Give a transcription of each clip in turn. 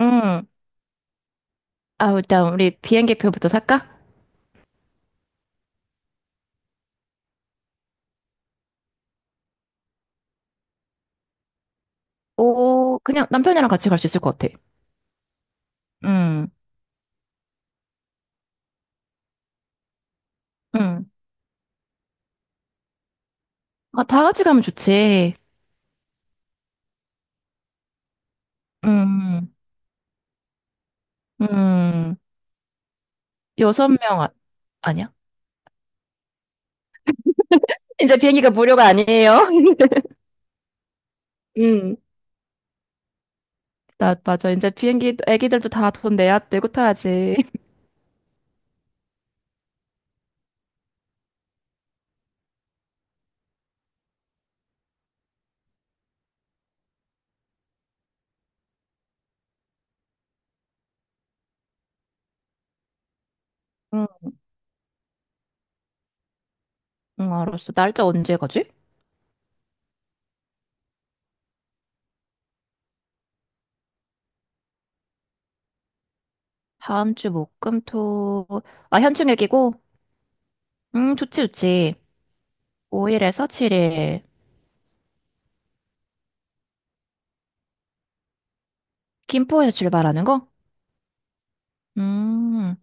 응. 아, 일단 우리 비행기표부터 살까? 오, 그냥 남편이랑 같이 갈 수 있을 것 같아. 응, 응. 아, 다 같이 가면 좋지. 응, 응. 여섯 명, 아, 아니야? 이제 비행기가 무료가 아니에요. 응. 나, 맞아. 이제 비행기, 애기들도 다 돈 내야 되고 타야지. 응, 응, 알았어. 날짜 언제 가지? 다음 주 목, 금, 토. 아, 현충 일기고? 좋지, 좋지. 5일에서 7일. 김포에서 출발하는 거? 음.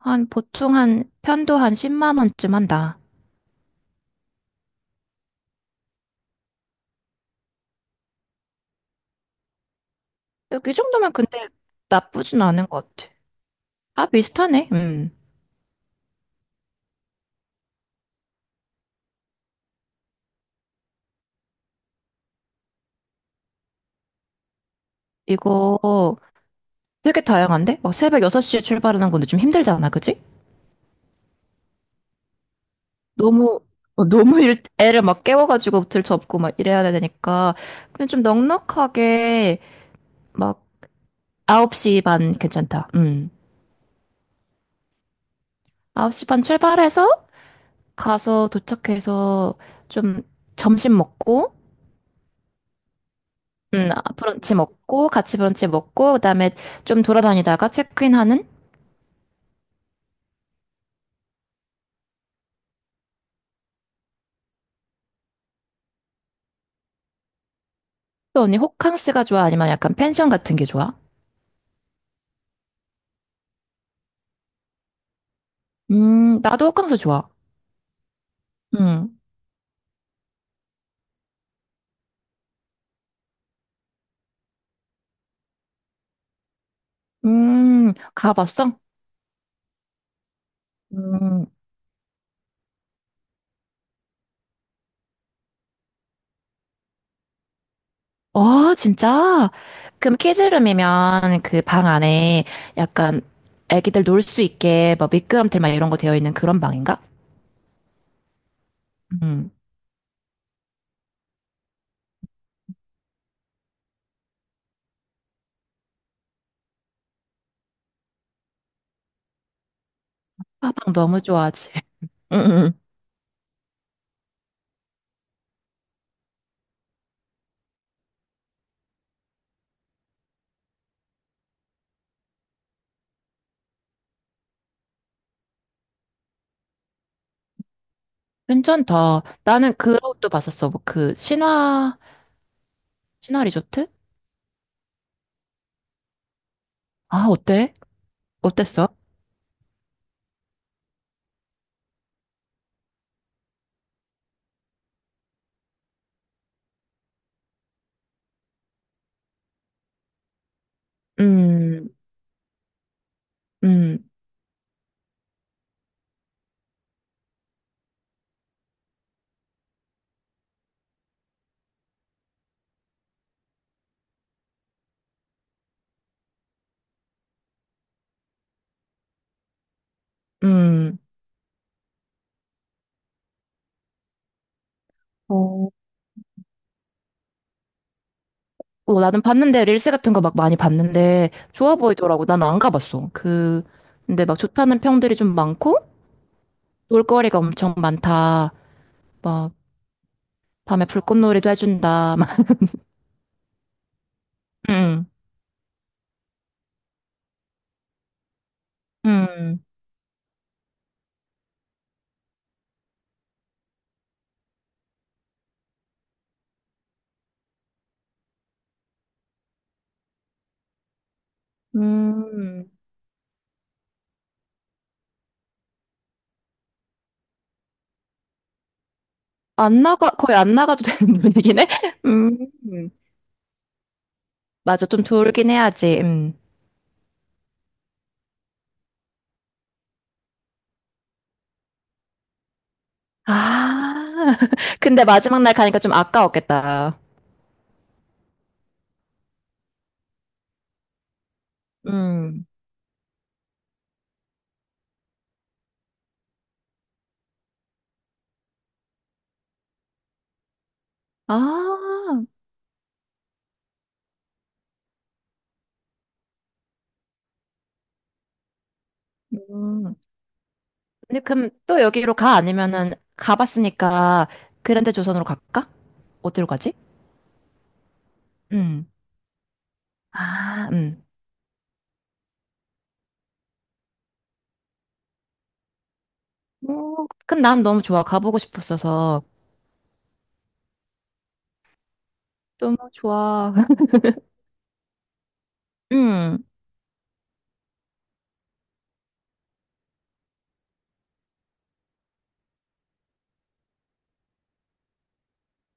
보통 편도 한 10만 원쯤 한다. 이 정도면 근데 나쁘진 않은 것 같아. 아, 비슷하네. 음. 이거 되게 다양한데? 막 새벽 6시에 출발하는 건데 좀 힘들잖아, 그지? 너무, 어, 너무 일, 애를 막 깨워가지고 들 접고 막 이래야 되니까. 근데 좀 넉넉하게 막 9시 반 괜찮다. 음. 9시 반 출발해서 가서 도착해서 좀 점심 먹고. 아, 브런치 먹고, 같이 브런치 먹고, 그다음에 좀 돌아다니다가 체크인 하는? 또 언니 호캉스가 좋아? 아니면 약간 펜션 같은 게 좋아? 나도 호캉스 좋아. 음, 가봤어? 음, 어, 진짜? 그럼 키즈룸이면 그 방 안에 약간 애기들 놀 수 있게 뭐 미끄럼틀 막 이런 거 되어 있는 그런 방인가? 음, 아, 방 너무 좋아하지. 음, 음, 음. 괜찮다. 나는 그 것도 봤었어. 뭐 그 신화, 신화 리조트? 아, 어때? 어땠어? 음, 음, 음. 어, 어, 나는 봤는데, 릴스 같은 거 막 많이 봤는데, 좋아 보이더라고. 나는 안 가봤어. 그, 근데 막 좋다는 평들이 좀 많고, 놀거리가 엄청 많다. 막, 밤에 불꽃놀이도 해준다. 막, 음, 음, 음. 안 나가, 거의 안 나가도 되는 분위기네? 음, 음. 맞아. 좀 돌긴 해야지. 음. 아, 근데 마지막 날 가니까 좀 아까웠겠다. 음. 아, 음. 근데 그럼 또 여기로 가? 아니면은 가봤으니까 그랜드 조선으로 갈까? 어디로 가지? 음. 아, 어, 그럼 난 너무 좋아. 가보고 싶었어서. 너무 좋아. 음.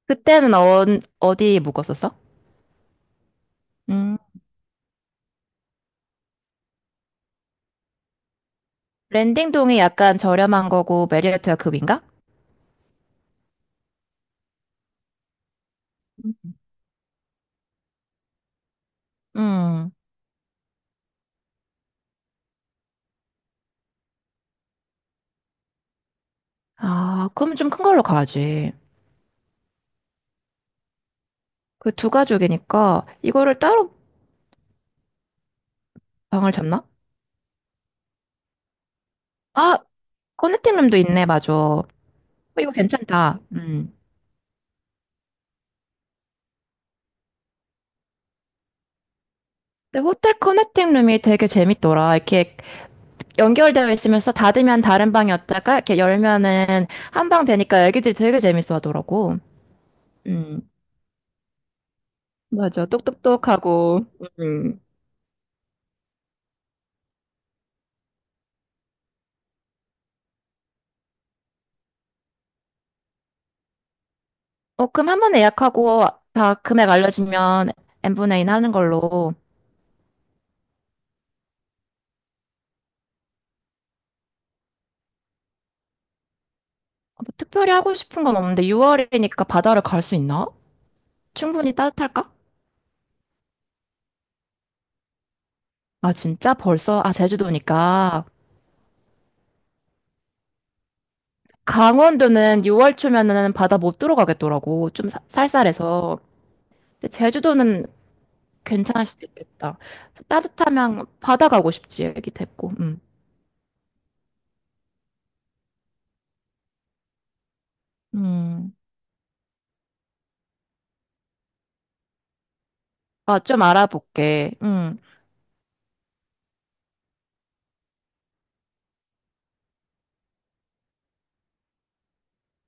그때는 어, 어디 묵었었어? 음. 랜딩동이 약간 저렴한 거고 메리어트가 급인가? 음. 아, 그럼 좀 큰 걸로 가야지. 그 두 가족이니까 이거를 따로 방을 잡나? 아, 커넥팅 룸도 있네, 맞아. 어, 이거 괜찮다. 음. 근데 호텔 커넥팅 룸이 되게 재밌더라. 이렇게 연결되어 있으면서 닫으면 다른 방이었다가 이렇게 열면은 한 방 되니까 애기들이 되게 재밌어 하더라고. 음, 맞아. 똑똑똑하고. 음. 어, 그럼 한 번 예약하고 다 금액 알려주면 n분의 인 하는 걸로. 어, 뭐 특별히 하고 싶은 건 없는데 6월이니까 바다를 갈 수 있나? 충분히 따뜻할까? 아, 진짜? 벌써? 아, 제주도니까. 강원도는 6월 초면은 바다 못 들어가겠더라고. 좀 사- 쌀쌀해서. 근데 제주도는 괜찮을 수도 있겠다. 따뜻하면 바다 가고 싶지, 애기 데리고. 음. 음. 아, 좀 알아볼게. 음.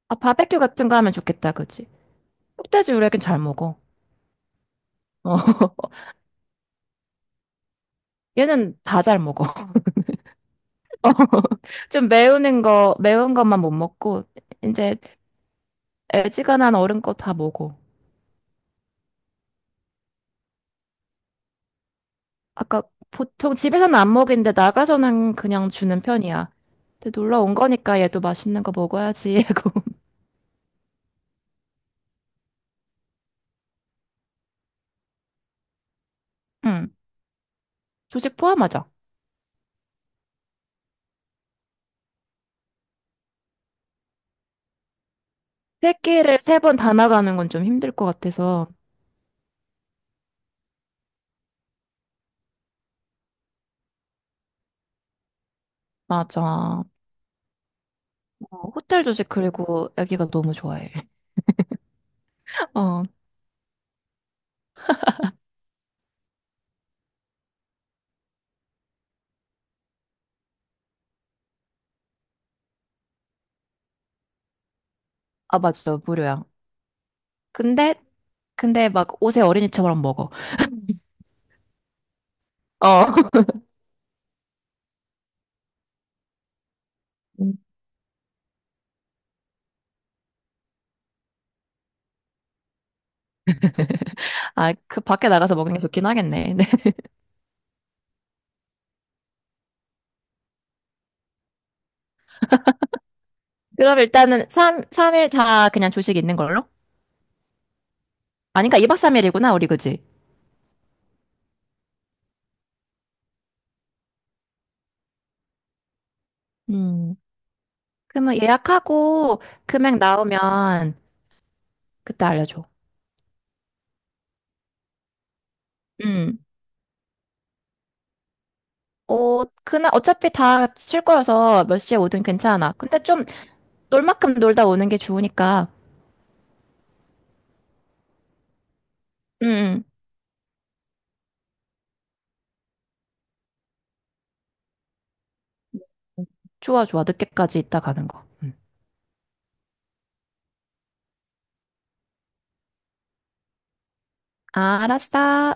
아, 바베큐 같은 거 하면 좋겠다, 그지? 흑돼지 우리 애긴 잘 먹어. 어. 얘는 다 잘 먹어. 좀 매운 거, 매운 것만 못 먹고, 이제 애지간한 어른 거 다 먹어. 아까 보통 집에서는 안 먹이는데 나가서는 그냥 주는 편이야. 근데 놀러 온 거니까 얘도 맛있는 거 먹어야지 하고. 응. 조식 포함하자. 새끼를 세 번 다 나가는 건 좀 힘들 것 같아서. 맞아. 어, 호텔 조식 그리고 애기가 너무 좋아해. 어, 아, 맞아. 무료야. 근데, 근데 막 옷에 어린이처럼 먹어. 어. 음. 아, 그 밖에 나가서 먹는 게 좋긴 하겠네. 네. 그럼 일단은 3, 삼일다 그냥 조식 있는 걸로? 아니까 2박 3일이구나, 우리 그지? 음, 그러면 예약하고 금액 나오면 그때 알려줘. 음. 어, 그날 어차피 다 쉴 거여서 몇 시에 오든 괜찮아. 근데 좀 놀 만큼 놀다 오는 게 좋으니까. 응, 응. 좋아, 좋아. 늦게까지 있다 가는 거. 응. 알았어.